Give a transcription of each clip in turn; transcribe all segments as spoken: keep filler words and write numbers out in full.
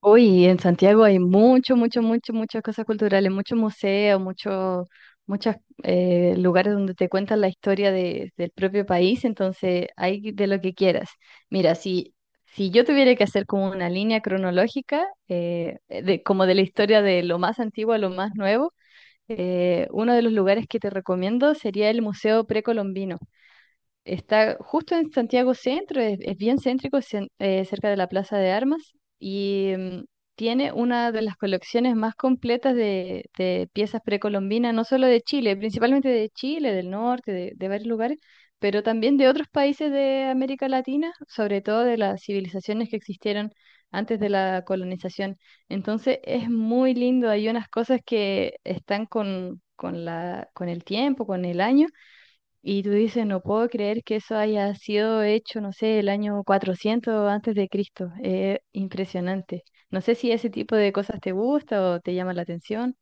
Uy, en Santiago hay mucho, mucho, mucho, muchas cosas culturales, muchos museos, muchos, muchos lugares donde te cuentan la historia de- del propio país, entonces hay de lo que quieras. Mira, si, si yo tuviera que hacer como una línea cronológica, eh, de, como de la historia de lo más antiguo a lo más nuevo, eh, uno de los lugares que te recomiendo sería el Museo Precolombino. Está justo en Santiago Centro, es, es bien céntrico, cen- eh, cerca de la Plaza de Armas y mm, tiene una de las colecciones más completas de, de piezas precolombinas, no solo de Chile, principalmente de Chile, del norte, de, de varios lugares, pero también de otros países de América Latina, sobre todo de las civilizaciones que existieron antes de la colonización. Entonces es muy lindo, hay unas cosas que están con, con la, con el tiempo, con el año y tú dices, no puedo creer que eso haya sido hecho, no sé, el año cuatrocientos antes de Cristo. Es impresionante. No sé si ese tipo de cosas te gusta o te llama la atención.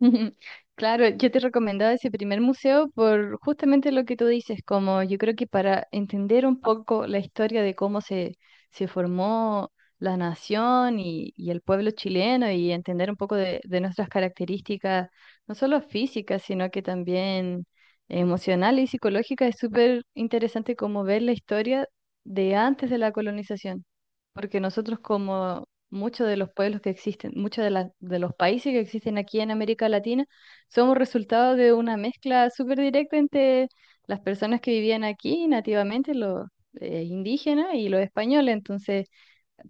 Claro, yo te recomendaba ese primer museo por justamente lo que tú dices, como yo creo que para entender un poco la historia de cómo se, se formó la nación y, y el pueblo chileno y entender un poco de, de nuestras características, no solo físicas, sino que también emocionales y psicológicas, es súper interesante como ver la historia de antes de la colonización, porque nosotros como muchos de los pueblos que existen, muchos de, la- de los países que existen aquí en América Latina, somos resultado de una mezcla súper directa entre las personas que vivían aquí nativamente, los eh, indígenas y los españoles. Entonces,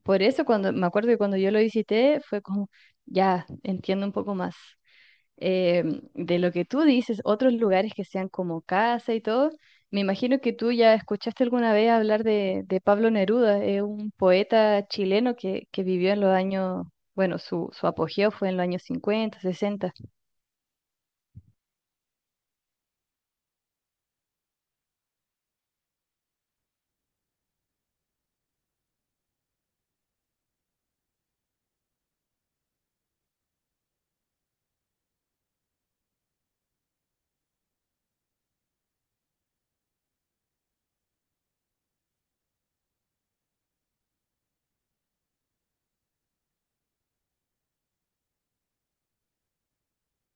por eso cuando me acuerdo que cuando yo lo visité fue como, ya entiendo un poco más, eh, de lo que tú dices, otros lugares que sean como casa y todo. Me imagino que tú ya escuchaste alguna vez hablar de, de Pablo Neruda, es un poeta chileno que, que vivió en los años, bueno, su, su apogeo fue en los años cincuenta sesenta.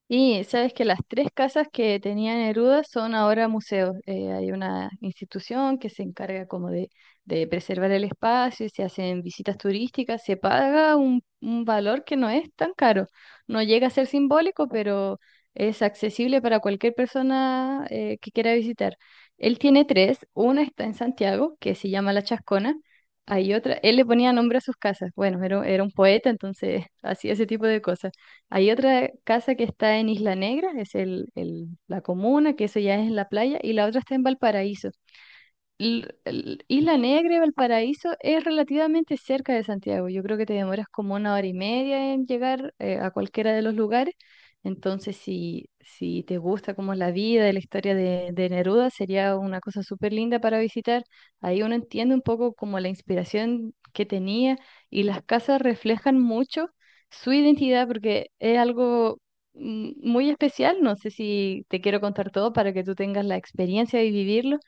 Y sabes que las tres casas que tenía Neruda son ahora museos. Eh, hay una institución que se encarga como de, de preservar el espacio y se hacen visitas turísticas. Se paga un, un valor que no es tan caro. No llega a ser simbólico, pero es accesible para cualquier persona, eh, que quiera visitar. Él tiene tres. Una está en Santiago, que se llama La Chascona. Hay otra, él le ponía nombre a sus casas. Bueno, era, era un poeta, entonces hacía ese tipo de cosas. Hay otra casa que está en Isla Negra, es el, el- la comuna, que eso ya es en la playa, y la otra está en Valparaíso. L- l- Isla Negra y Valparaíso es relativamente cerca de Santiago. Yo creo que te demoras como una hora y media en llegar, eh, a cualquiera de los lugares. Entonces, si, si te gusta como la vida y la historia de, de Neruda, sería una cosa súper linda para visitar. Ahí uno entiende un poco como la inspiración que tenía y las casas reflejan mucho su identidad porque es algo mm, muy especial. No sé si te quiero contar todo para que tú tengas la experiencia de vivirlo,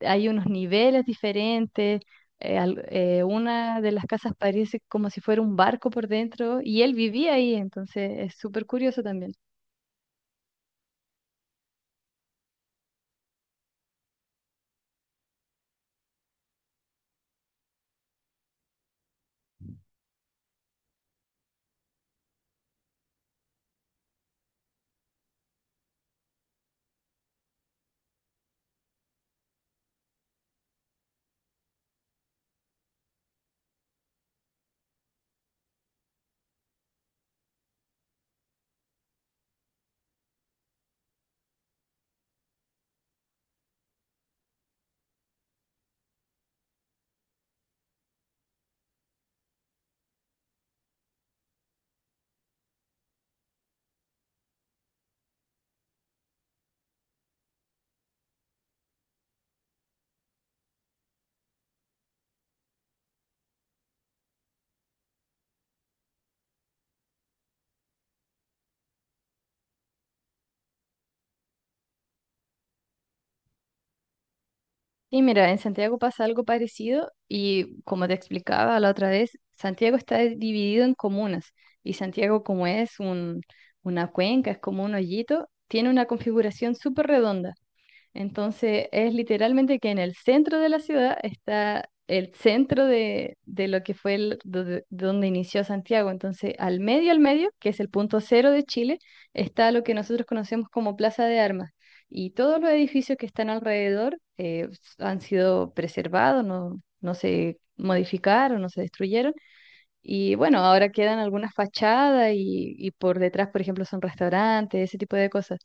hay unos niveles diferentes. Eh, al- eh, una de las casas parece como si fuera un barco por dentro y él vivía ahí, entonces es súper curioso también. Y mira, en Santiago pasa algo parecido y como te explicaba la otra vez, Santiago está dividido en comunas y Santiago como es un, una cuenca, es como un hoyito, tiene una configuración súper redonda. Entonces es literalmente que en el centro de la ciudad está el centro de, de lo que fue el- do- de- donde inició Santiago. Entonces al medio, al medio, que es el punto cero de Chile, está lo que nosotros conocemos como Plaza de Armas. Y todos los edificios que están alrededor eh, han sido preservados, no, no se modificaron, no se destruyeron. Y bueno, ahora quedan algunas fachadas y, y por detrás, por ejemplo, son restaurantes, ese tipo de cosas.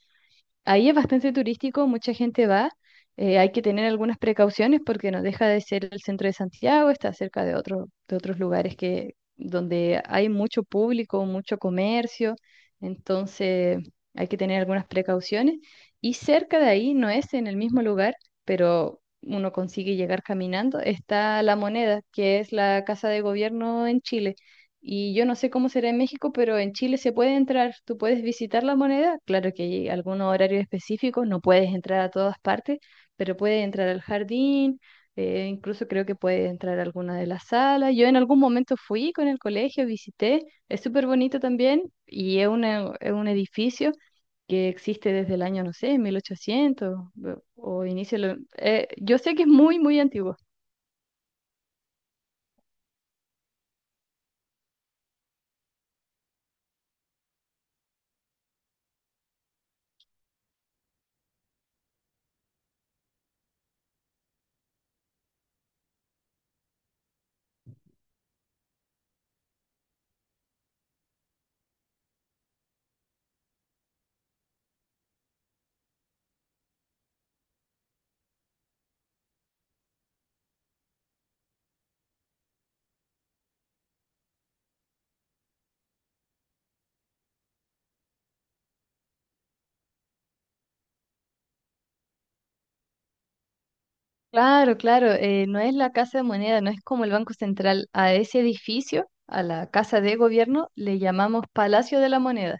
Ahí es bastante turístico, mucha gente va. Eh, hay que tener algunas precauciones porque no deja de ser el centro de Santiago, está cerca de otro, de otros lugares, que, donde hay mucho público, mucho comercio, entonces hay que tener algunas precauciones. Y cerca de ahí, no es en el mismo lugar, pero uno consigue llegar caminando, está La Moneda, que es la casa de gobierno en Chile. Y yo no sé cómo será en México, pero en Chile se puede entrar, tú puedes visitar la moneda, claro que hay algunos horarios específicos, no puedes entrar a todas partes, pero puedes entrar al jardín, eh, incluso creo que puedes entrar a alguna de las salas. Yo en algún momento fui con el colegio, visité, es súper bonito también y es, una- es un edificio que existe desde el año, no sé, mil ochocientos o, o inicio, de lo- eh, yo sé que es muy, muy antiguo. Claro, claro, eh, no es la Casa de Moneda, no es como el Banco Central. A ese edificio, a la Casa de Gobierno, le llamamos Palacio de la Moneda.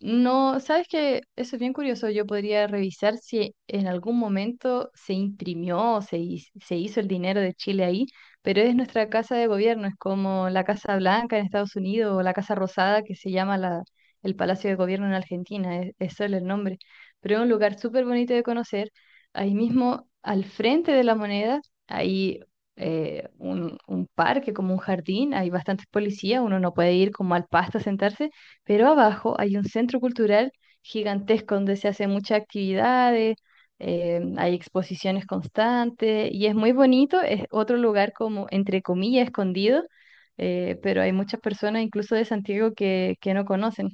No, sabes que eso es bien curioso. Yo podría revisar si en algún momento se imprimió o se, hi- se hizo el dinero de Chile ahí, pero es nuestra casa de gobierno, es como la Casa Blanca en Estados Unidos o la Casa Rosada que se llama la, el Palacio de Gobierno en Argentina, es, es solo el nombre. Pero es un lugar súper bonito de conocer. Ahí mismo, al frente de la moneda, hay eh, un, un parque, como un jardín, hay bastantes policías, uno no puede ir como al pasto a sentarse, pero abajo hay un centro cultural gigantesco donde se hacen muchas actividades, eh, hay exposiciones constantes y es muy bonito, es otro lugar como entre comillas escondido, eh, pero hay muchas personas incluso de Santiago que, que no conocen.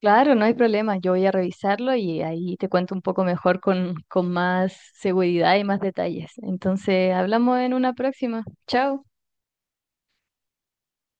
Claro, no hay problema, yo voy a revisarlo y ahí te cuento un poco mejor con, con más seguridad y más detalles. Entonces, hablamos en una próxima. Chao.